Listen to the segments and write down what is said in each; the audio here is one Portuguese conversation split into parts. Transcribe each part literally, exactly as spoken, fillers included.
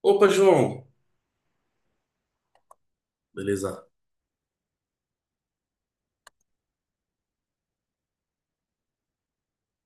Opa, João. Beleza.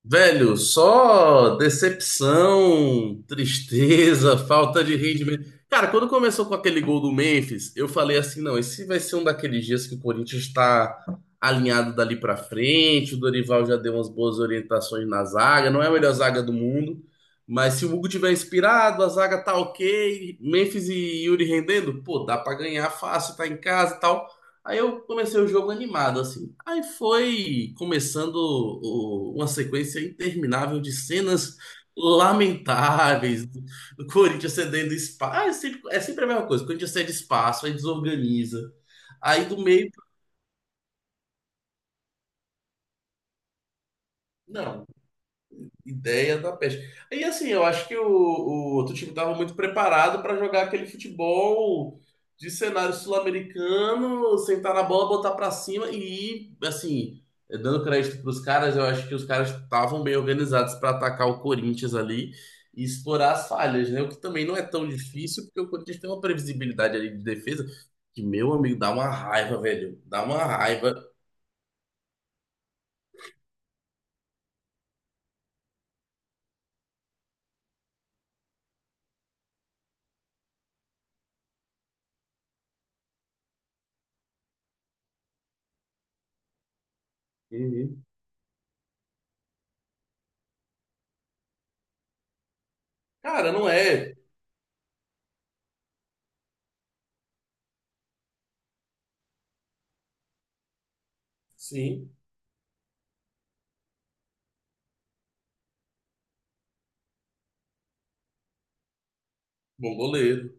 Velho, só decepção, tristeza, falta de rendimento. Cara, quando começou com aquele gol do Memphis, eu falei assim, não, esse vai ser um daqueles dias que o Corinthians está alinhado dali pra frente. O Dorival já deu umas boas orientações na zaga, não é a melhor zaga do mundo, mas se o Hugo tiver inspirado, a zaga tá ok, Memphis e Yuri rendendo, pô, dá pra ganhar fácil, tá em casa e tal. Aí eu comecei o jogo animado, assim. Aí foi começando o- uma sequência interminável de cenas lamentáveis. Do Corinthians cedendo espaço. Ah, é sempre, é sempre a mesma coisa. O Corinthians cede espaço, aí desorganiza. Aí do meio. Não. Ideia da peste. E assim, eu acho que o, o outro time estava muito preparado para jogar aquele futebol de cenário sul-americano, sentar na bola, botar para cima e, assim, eh, dando crédito para os caras. Eu acho que os caras estavam bem organizados para atacar o Corinthians ali e explorar as falhas, né? O que também não é tão difícil, porque o Corinthians tem uma previsibilidade ali de defesa que, meu amigo, dá uma raiva, velho. Dá uma raiva. Uhum. Cara, não é. Sim, bom goleiro.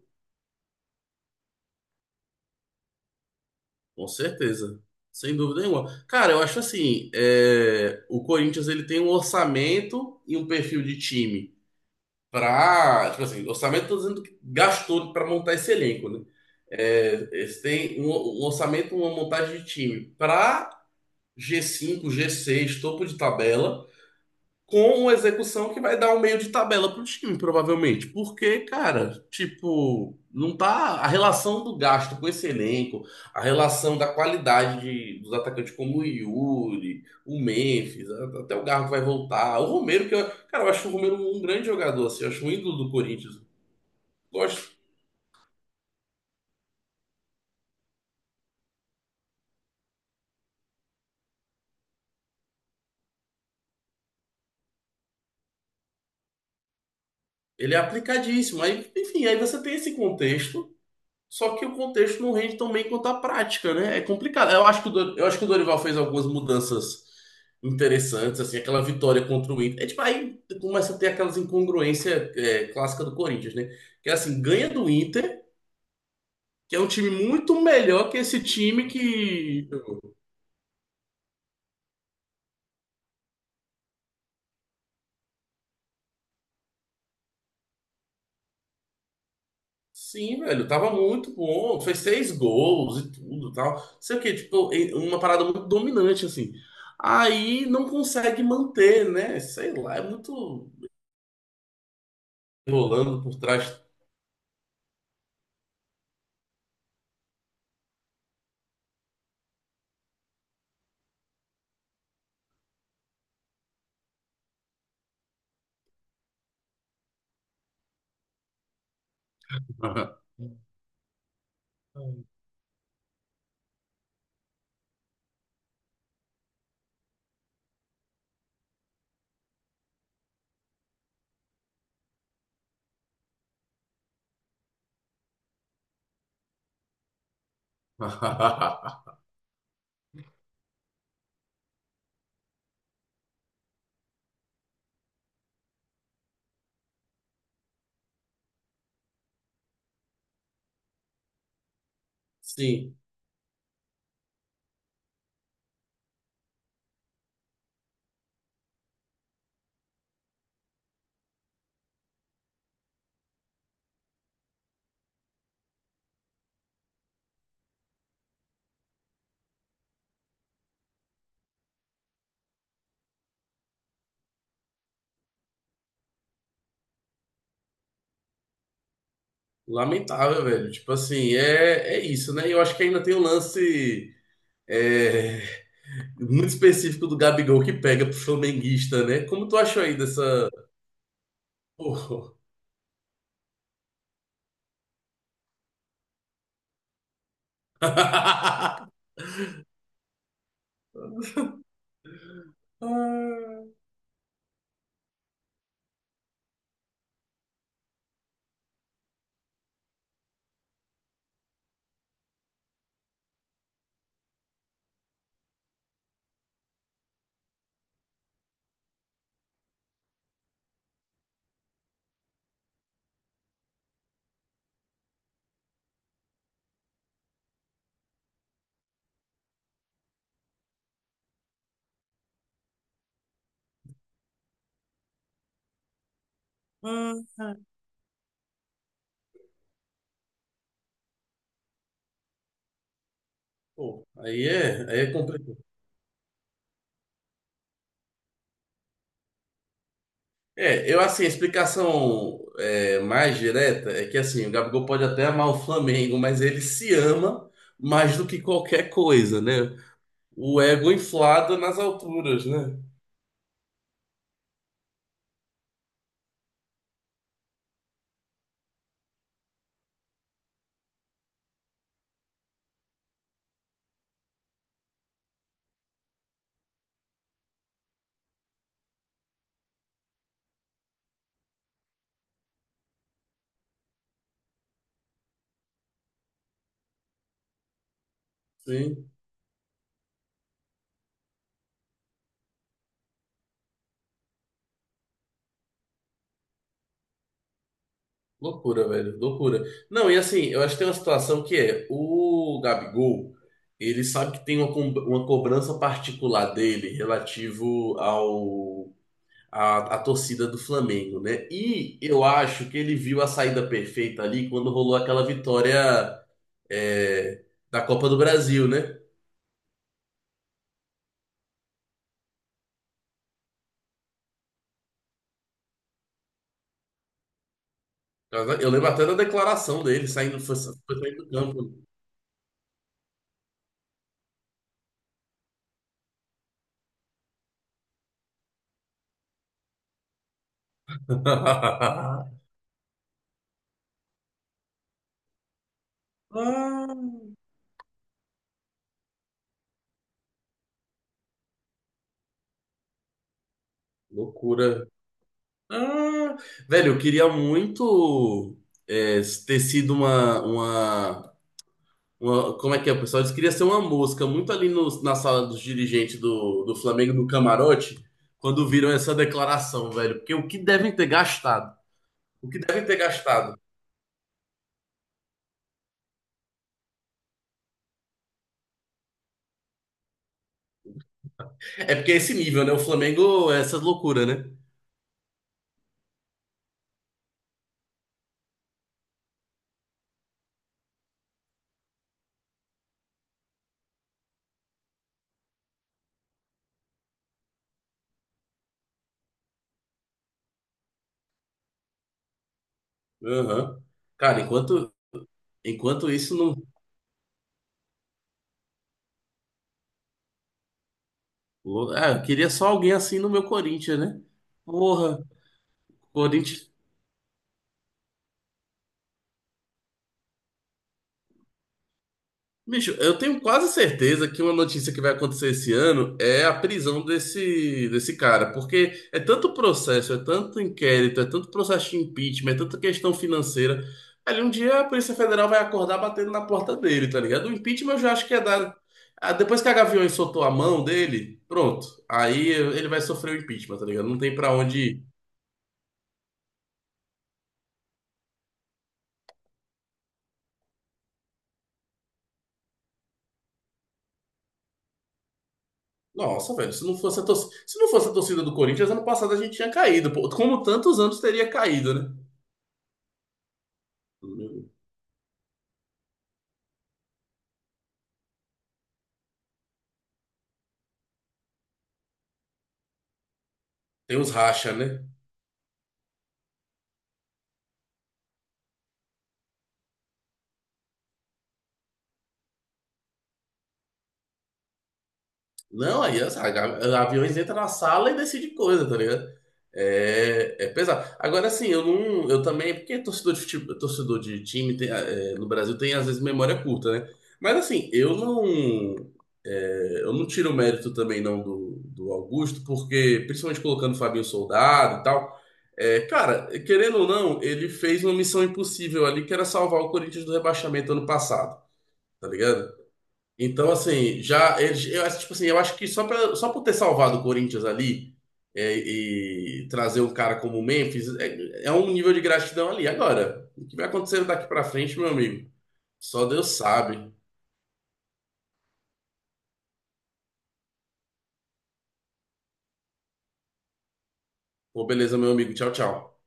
Com certeza, sem dúvida nenhuma. Cara, eu acho assim, é, o Corinthians ele tem um orçamento e um perfil de time para, tipo assim, orçamento tô dizendo que gastou para montar esse elenco, né? É, eles têm um, um orçamento, uma montagem de time para g cinco g seis topo de tabela com uma execução que vai dar um meio de tabela pro time, provavelmente. Porque, cara, tipo, não tá. A relação do gasto com esse elenco, a relação da qualidade de- dos atacantes como o Yuri, o Memphis, a- até o Garro vai voltar. O Romero, que eu, cara, eu acho o Romero um grande jogador, assim. Eu acho um ídolo do Corinthians. Gosto. Ele é aplicadíssimo. Aí, enfim, aí você tem esse contexto. Só que o contexto não rende tão bem quanto a prática, né? É complicado. Eu acho que o, Dor- eu acho que o Dorival fez algumas mudanças interessantes, assim, aquela vitória contra o Inter. É, tipo, aí começa a ter aquelas incongruências é, clássicas do Corinthians, né? Que é assim, ganha do Inter, que é um time muito melhor que esse time que. Sim, velho, tava muito bom, fez seis gols e tudo e tal. Sei o quê, tipo, em- uma parada muito dominante, assim. Aí não consegue manter, né? Sei lá, é muito rolando por trás. Sim, lamentável, velho. Tipo assim, é, é isso, né? E eu acho que ainda tem o lance é, muito específico do Gabigol que pega pro flamenguista, né? Como tu achou aí dessa. Pô. Ah, ah, Pô, aí é, aí é complicado. É, eu assim, a explicação é, mais direta é que assim, o Gabigol pode até amar o Flamengo, mas ele se ama mais do que qualquer coisa, né? O ego inflado nas alturas, né? Sim. Loucura, velho. Loucura. Não, e assim, eu acho que tem uma situação que é, o Gabigol, ele sabe que tem uma, com- uma cobrança particular dele relativo ao a a torcida do Flamengo, né? E eu acho que ele viu a saída perfeita ali quando rolou aquela vitória é, da Copa do Brasil, né? Eu lembro até da declaração dele saindo, foi, foi saindo do campo. Loucura. Ah, velho, eu queria muito é, ter sido uma, uma, uma- Como é que é, pessoal? Eles queriam ser uma mosca, muito ali no- na sala dos dirigentes do, do Flamengo, no camarote, quando viram essa declaração, velho. Porque o que devem ter gastado? O que devem ter gastado? É porque é esse nível, né? O Flamengo é essas loucuras, né? Aham. Cara, enquanto, enquanto isso não. Ah, eu queria só alguém assim no meu Corinthians, né? Porra, Corinthians. Bicho, eu tenho quase certeza que uma notícia que vai acontecer esse ano é a prisão desse, desse cara, porque é tanto processo, é tanto inquérito, é tanto processo de impeachment, é tanta questão financeira. Ali um dia a Polícia Federal vai acordar batendo na porta dele, tá ligado? O impeachment eu já acho que é dar. Ah, depois que a Gaviões soltou a mão dele, pronto. Aí ele vai sofrer o impeachment, tá ligado? Não tem pra onde ir. Nossa, velho, se não fosse a torcida, se não fosse a torcida do Corinthians, ano passado a gente tinha caído, pô. Como tantos anos teria caído, né? Tem uns racha, né? Não, aí as- a- a- aviões entram na sala e decide coisa, tá ligado? É, é pesado. Agora, assim, eu não. Eu também. Porque torcedor de, fute- torcedor de time tem, é, no Brasil tem, às vezes, memória curta, né? Mas, assim, eu não. é, eu não tiro o mérito também, não, do, do Augusto, porque, principalmente colocando o Fabinho Soldado e tal. é, cara, querendo ou não, ele fez uma missão impossível ali, que era salvar o Corinthians do rebaixamento ano passado, tá ligado? Então, assim, já eles, eu acho, tipo assim, eu acho que só pra, só por ter salvado o Corinthians ali é, e trazer um cara como o Memphis é, é um nível de gratidão ali. Agora, o que vai acontecer daqui pra frente, meu amigo? Só Deus sabe. Pô, beleza, meu amigo. Tchau, tchau.